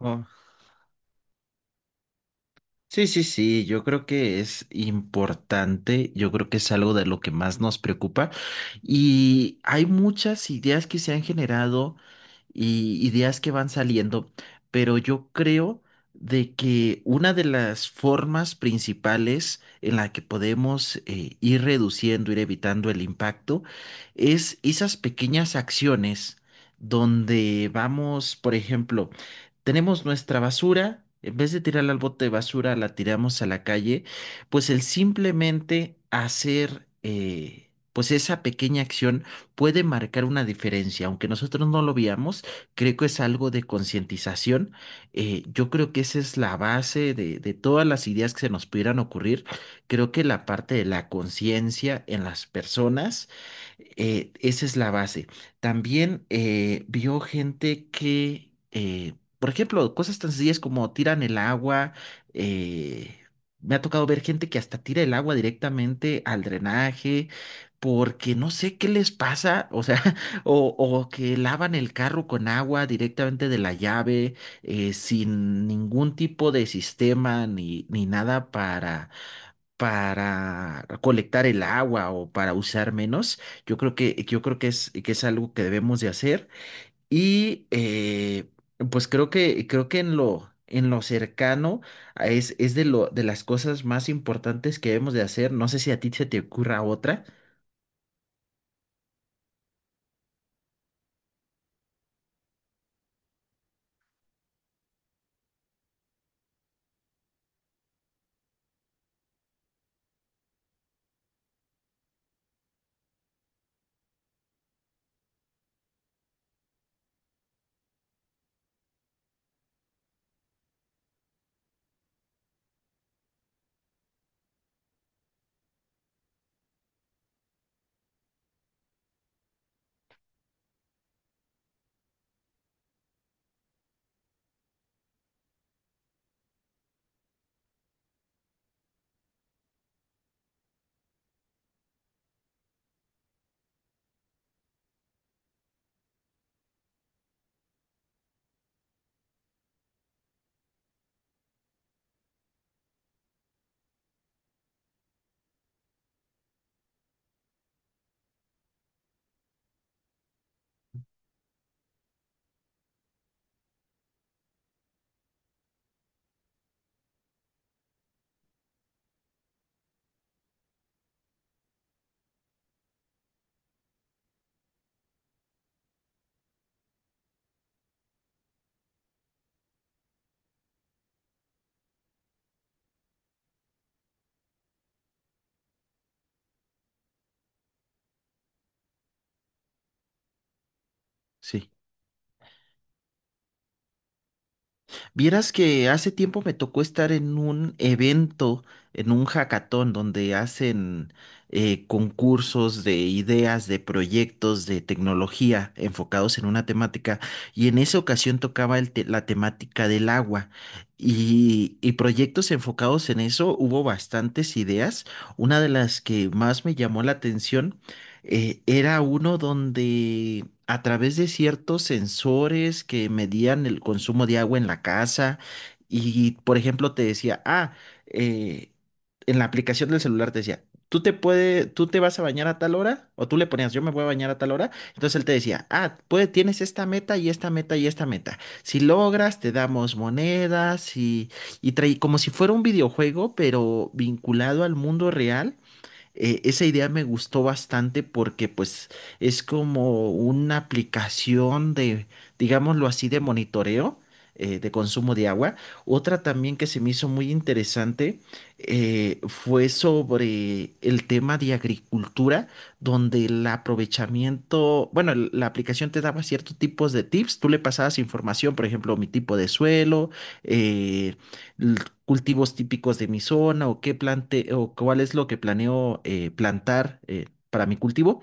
Oh, sí, sí, sí, yo creo que es importante, yo creo que es algo de lo que más nos preocupa y hay muchas ideas que se han generado y ideas que van saliendo, pero yo creo de que una de las formas principales en la que podemos ir reduciendo, ir evitando el impacto, es esas pequeñas acciones donde vamos, por ejemplo, tenemos nuestra basura, en vez de tirarla al bote de basura, la tiramos a la calle, pues el simplemente hacer, pues esa pequeña acción puede marcar una diferencia, aunque nosotros no lo veamos, creo que es algo de concientización, yo creo que esa es la base de todas las ideas que se nos pudieran ocurrir, creo que la parte de la conciencia en las personas, esa es la base. También vio gente que... por ejemplo, cosas tan sencillas como tiran el agua. eh, Me ha tocado ver gente que hasta tira el agua directamente al drenaje porque no sé qué les pasa, o sea, o que lavan el carro con agua directamente de la llave, sin ningún tipo de sistema ni nada para... para colectar el agua o para usar menos. Yo creo que es algo que debemos de hacer. Y pues creo que en lo cercano es de las cosas más importantes que debemos de hacer. No sé si a ti se te ocurra otra. Sí. Vieras que hace tiempo me tocó estar en un evento, en un hackathon, donde hacen concursos de ideas, de proyectos, de tecnología enfocados en una temática. Y en esa ocasión tocaba la temática del agua. Y proyectos enfocados en eso, hubo bastantes ideas. Una de las que más me llamó la atención era uno donde a través de ciertos sensores que medían el consumo de agua en la casa y, por ejemplo, te decía, ah, eh, en la aplicación del celular te decía, tú te vas a bañar a tal hora, o tú le ponías, yo me voy a bañar a tal hora, entonces él te decía, ah, pues tienes esta meta y esta meta y esta meta. Si logras, te damos monedas y traí como si fuera un videojuego, pero vinculado al mundo real. Esa idea me gustó bastante porque pues es como una aplicación de, digámoslo así, de monitoreo de consumo de agua. Otra también que se me hizo muy interesante, fue sobre el tema de agricultura, donde el aprovechamiento, bueno, la aplicación te daba ciertos tipos de tips, tú le pasabas información, por ejemplo, mi tipo de suelo, eh, cultivos típicos de mi zona o qué plante o cuál es lo que planeo plantar para mi cultivo.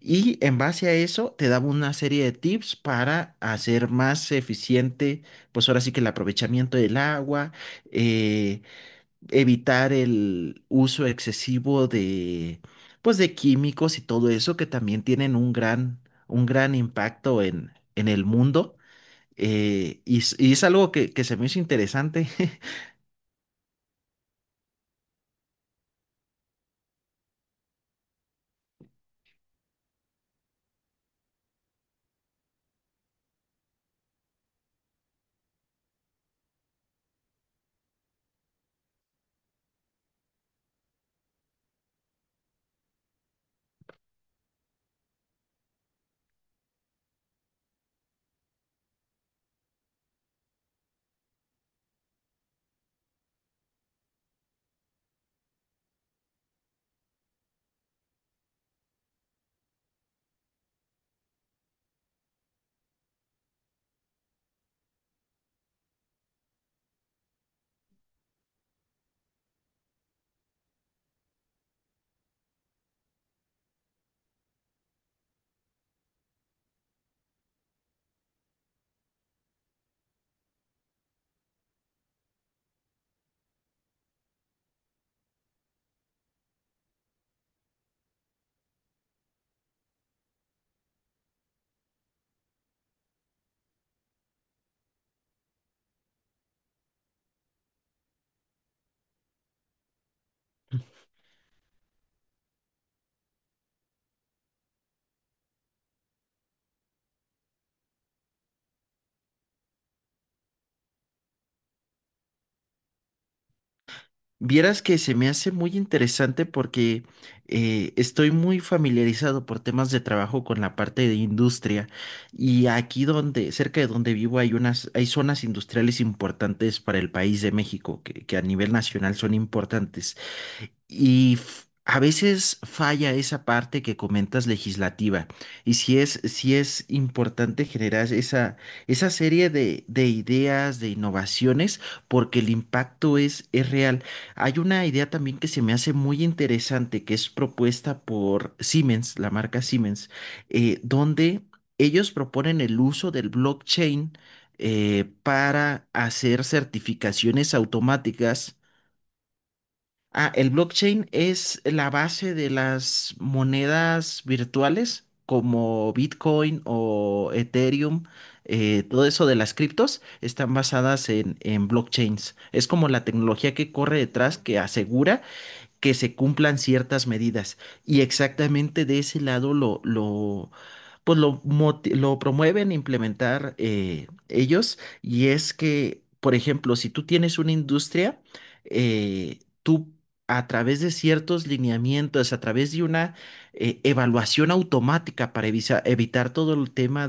Y en base a eso te daba una serie de tips para hacer más eficiente, pues ahora sí que el aprovechamiento del agua, eh, evitar el uso excesivo de, pues de químicos y todo eso que también tienen un gran impacto en el mundo. Y, y es algo que se me hizo interesante. Vieras que se me hace muy interesante porque estoy muy familiarizado por temas de trabajo con la parte de industria y aquí donde, cerca de donde vivo hay unas, hay zonas industriales importantes para el país de México que a nivel nacional son importantes. Y a veces falla esa parte que comentas legislativa. Y si es importante generar esa, esa serie de ideas, de innovaciones, porque el impacto es real. Hay una idea también que se me hace muy interesante, que es propuesta por Siemens, la marca Siemens, donde ellos proponen el uso del blockchain, para hacer certificaciones automáticas. Ah, el blockchain es la base de las monedas virtuales como Bitcoin o Ethereum, todo eso de las criptos están basadas en blockchains. Es como la tecnología que corre detrás que asegura que se cumplan ciertas medidas. Y exactamente de ese lado pues lo, lo promueven a implementar ellos, y es que, por ejemplo, si tú tienes una industria, tú a través de ciertos lineamientos, a través de una evaluación automática para evitar todo el tema,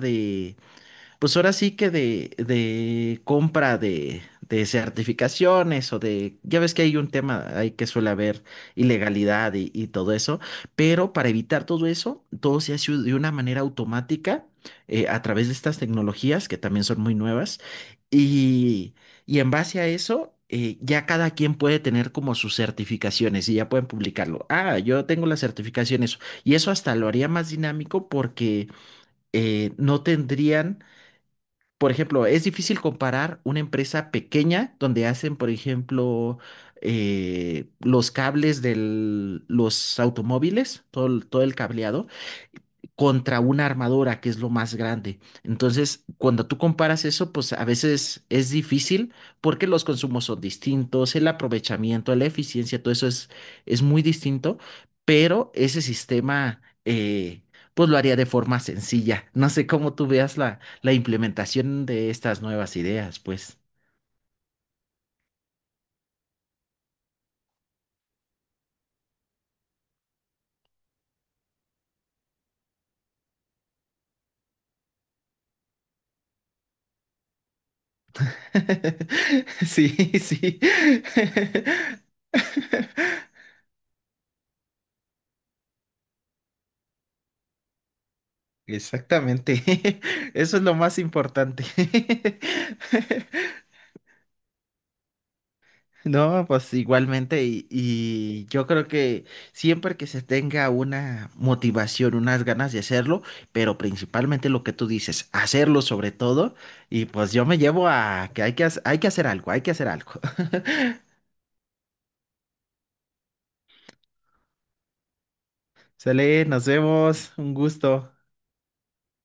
pues ahora sí que de compra de certificaciones o de, ya ves que hay un tema ahí que suele haber ilegalidad y todo eso, pero para evitar todo eso, todo se hace de una manera automática, a través de estas tecnologías que también son muy nuevas, y, y en base a eso... ya cada quien puede tener como sus certificaciones y ya pueden publicarlo. Ah, yo tengo las certificaciones y eso hasta lo haría más dinámico porque no tendrían, por ejemplo, es difícil comparar una empresa pequeña donde hacen, por ejemplo, los cables de los automóviles, todo, todo el cableado contra una armadora que es lo más grande. Entonces, cuando tú comparas eso, pues a veces es difícil porque los consumos son distintos, el aprovechamiento, la eficiencia, todo eso es muy distinto, pero ese sistema, pues lo haría de forma sencilla. No sé cómo tú veas la, la implementación de estas nuevas ideas, pues. Sí, sí. Exactamente. Eso es lo más importante. No, pues igualmente, y yo creo que siempre que se tenga una motivación, unas ganas de hacerlo, pero principalmente lo que tú dices, hacerlo sobre todo, y pues yo me llevo a que hay que, hay que hacer algo, hay que hacer algo. Sale, nos vemos, un gusto.